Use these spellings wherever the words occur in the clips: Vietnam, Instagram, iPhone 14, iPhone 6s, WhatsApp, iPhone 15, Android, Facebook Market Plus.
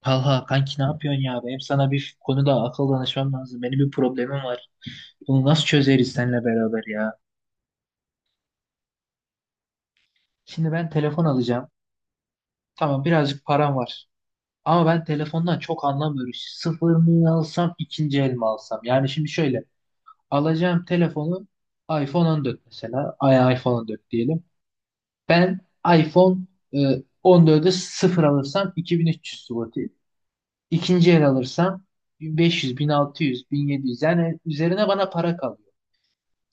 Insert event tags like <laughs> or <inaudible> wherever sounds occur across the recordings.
Talha kanki ne yapıyorsun ya? Benim sana bir konuda akıl danışmam lazım. Benim bir problemim var. Bunu nasıl çözeriz seninle beraber ya? Şimdi ben telefon alacağım. Tamam birazcık param var. Ama ben telefondan çok anlamıyorum. Sıfır mı alsam ikinci el mi alsam? Yani şimdi şöyle. Alacağım telefonu iPhone 14 mesela. Ay iPhone 14 diyelim. Ben iPhone e, 14'ü sıfır alırsam 2300 zloty. İkinci el alırsam 1500, 1600, 1700 yani üzerine bana para kalıyor.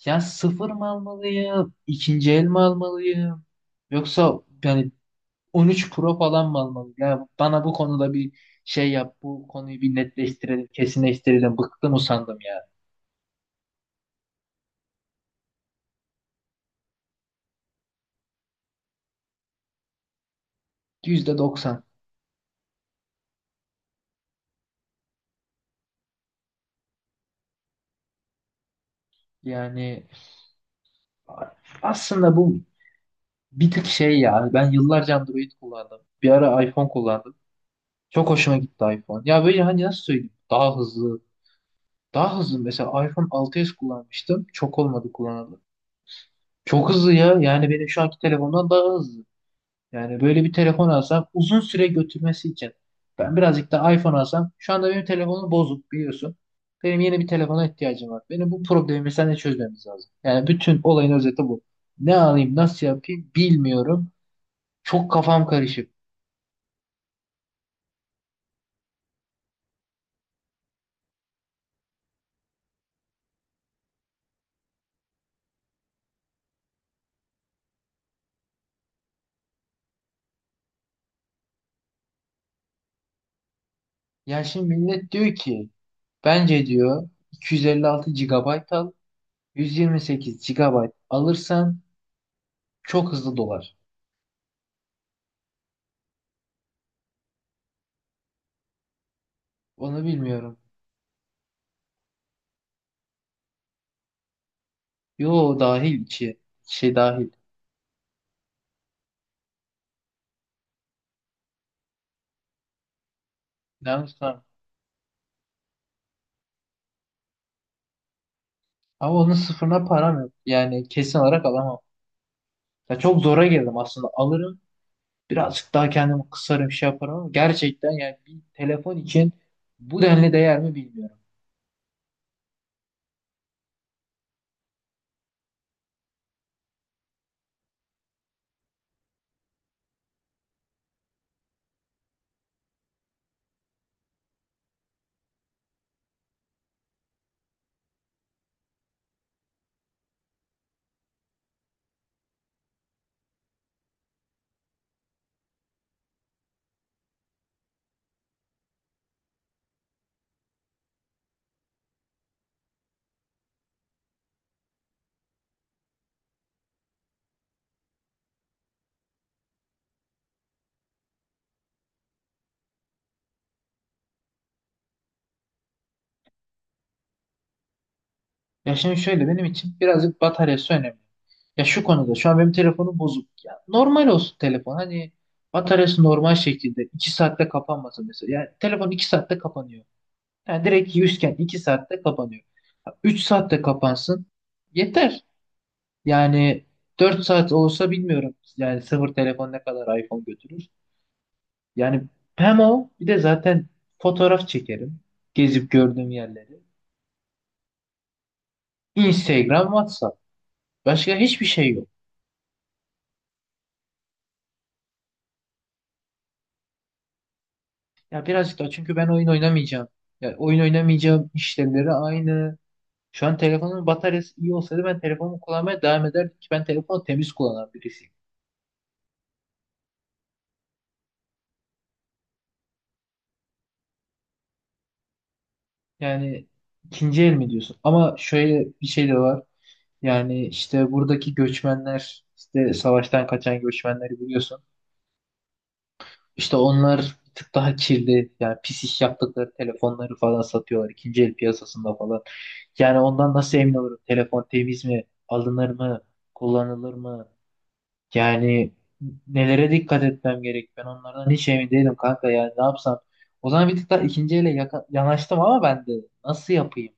Ya sıfır mı almalıyım? İkinci el mi almalıyım? Yoksa yani 13 Pro falan mı almalıyım? Ya bana bu konuda bir şey yap. Bu konuyu bir netleştirelim, kesinleştirelim. Bıktım usandım ya. %90. Yani aslında bu bir tık şey ya. Ben yıllarca Android kullandım. Bir ara iPhone kullandım. Çok hoşuma gitti iPhone. Ya böyle hani nasıl söyleyeyim? Daha hızlı. Daha hızlı. Mesela iPhone 6s kullanmıştım. Çok olmadı kullanalı. Çok hızlı ya. Yani benim şu anki telefondan daha hızlı. Yani böyle bir telefon alsam uzun süre götürmesi için ben birazcık da iPhone alsam şu anda benim telefonum bozuk biliyorsun. Benim yeni bir telefona ihtiyacım var. Benim bu problemi seninle çözmemiz lazım. Yani bütün olayın özeti bu. Ne alayım nasıl yapayım bilmiyorum. Çok kafam karışık. Ya şimdi millet diyor ki bence diyor 256 GB al 128 gigabayt alırsan çok hızlı dolar. Onu bilmiyorum. Yo dahil içi şey dahil. Yanlış mı? Ama onun sıfırına param yok. Yani kesin olarak alamam. Ya çok zora girdim aslında. Alırım. Birazcık daha kendimi kısarım şey yaparım ama gerçekten yani bir telefon için bu denli değer mi bilmiyorum. Ya şimdi şöyle benim için birazcık bataryası önemli. Ya şu konuda şu an benim telefonum bozuk. Ya normal olsun telefon. Hani bataryası normal şekilde iki saatte kapanmasın mesela. Yani telefon 2 saatte kapanıyor. Yani direkt yüzken 2 saatte kapanıyor. 3 saatte kapansın. Yeter. Yani 4 saat olsa bilmiyorum. Yani sıfır telefon ne kadar iPhone götürür. Yani hem o bir de zaten fotoğraf çekerim. Gezip gördüğüm yerleri. Instagram, WhatsApp. Başka hiçbir şey yok. Ya birazcık da çünkü ben oyun oynamayacağım. Ya oyun oynamayacağım işlevleri aynı. Şu an telefonun bataryası iyi olsaydı ben telefonumu kullanmaya devam ederdim ki ben telefonu temiz kullanan birisiyim. Yani ikinci el mi diyorsun? Ama şöyle bir şey de var. Yani işte buradaki göçmenler, işte savaştan kaçan göçmenleri biliyorsun. İşte onlar bir tık daha kirli, yani pis iş yaptıkları telefonları falan satıyorlar ikinci el piyasasında falan. Yani ondan nasıl emin olurum? Telefon temiz mi? Alınır mı? Kullanılır mı? Yani nelere dikkat etmem gerek? Ben onlardan hiç emin değilim kanka yani ne yapsam? O zaman bir tık daha ikinci ele yanaştım ama ben de nasıl yapayım?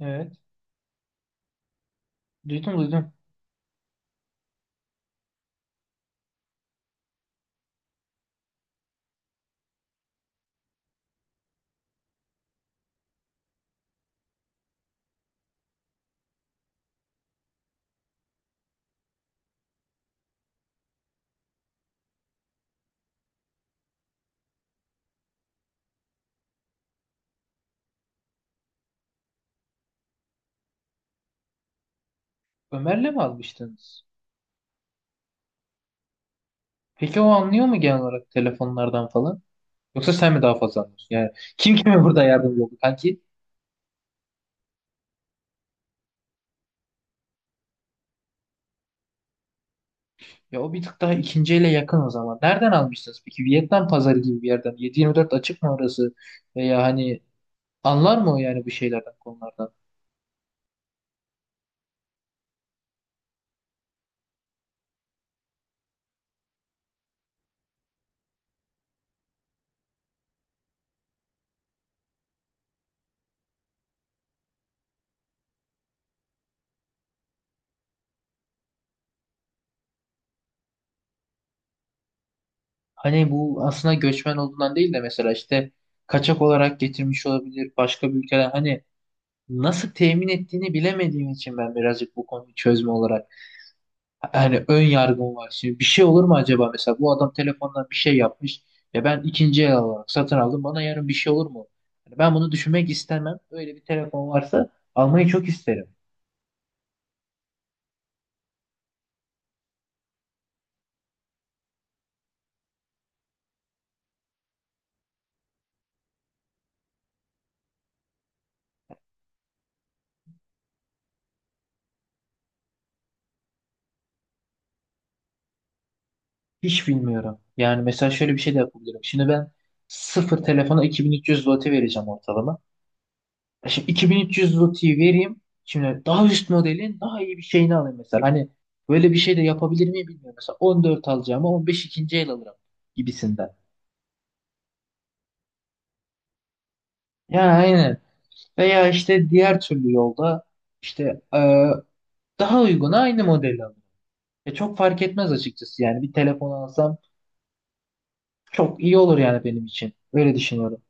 Evet. Duydum, duydum. Ömer'le mi almıştınız? Peki o anlıyor mu genel olarak telefonlardan falan? Yoksa sen mi daha fazla anlıyorsun? Yani kim kime <laughs> burada yardımcı oldu kanki? Ya o bir tık daha ikinci yakın o zaman. Nereden almışsınız peki? Vietnam pazarı gibi bir yerden. 7-24 açık mı orası? Veya hani anlar mı o yani bu şeylerden konulardan? Hani bu aslında göçmen olduğundan değil de mesela işte kaçak olarak getirmiş olabilir başka bir ülkeden. Hani nasıl temin ettiğini bilemediğim için ben birazcık bu konuyu çözme olarak hani ön yargım var. Şimdi bir şey olur mu acaba mesela bu adam telefondan bir şey yapmış ve ben ikinci el olarak satın aldım. Bana yarın bir şey olur mu? Hani ben bunu düşünmek istemem. Öyle bir telefon varsa almayı çok isterim. Hiç bilmiyorum. Yani mesela şöyle bir şey de yapabilirim. Şimdi ben sıfır telefona 2300 zloty vereceğim ortalama. Şimdi 2300 zloty vereyim. Şimdi daha üst modelin daha iyi bir şeyini alayım mesela. Hani böyle bir şey de yapabilir miyim bilmiyorum. Mesela 14 alacağıma 15 ikinci el alırım gibisinden. Ya aynen. Veya işte diğer türlü yolda işte daha uyguna aynı modeli alırım. Çok fark etmez açıkçası yani bir telefon alsam çok iyi olur yani benim için. Öyle düşünüyorum.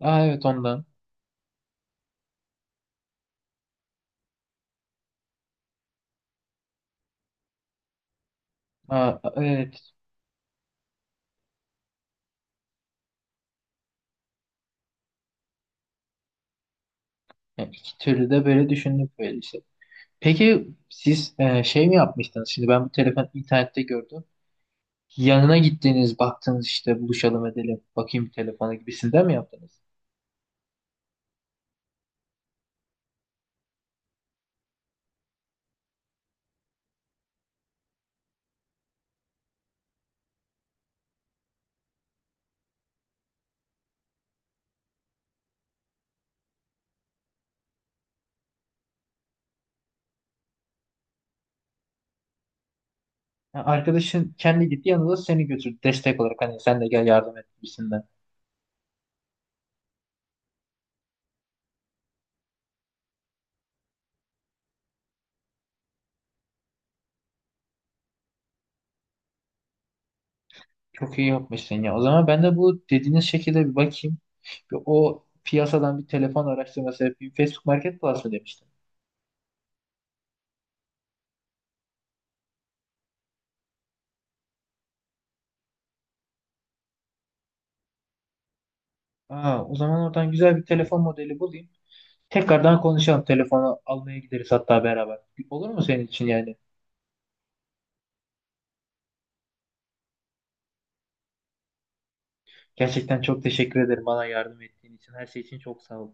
Aa, evet ondan. Aa, evet. Yani iki türlü de böyle düşündük böyle işte. Peki siz şey mi yapmıştınız? Şimdi ben bu telefon internette gördüm. Yanına gittiğiniz baktınız işte buluşalım edelim bakayım telefona gibisinden mi yaptınız? Ha, arkadaşın kendi gitti yanında seni götürdü destek olarak hani sen de gel yardım et gibisinden. Çok iyi yapmışsın ya. O zaman ben de bu dediğiniz şekilde bir bakayım. Bir o piyasadan bir telefon araştırması yapayım. Facebook Market Plus mı demiştin? Aa, o zaman oradan güzel bir telefon modeli bulayım. Tekrardan konuşalım. Telefonu almaya gideriz hatta beraber. Olur mu senin için yani? Gerçekten çok teşekkür ederim bana yardım ettiğin için. Her şey için çok sağ ol.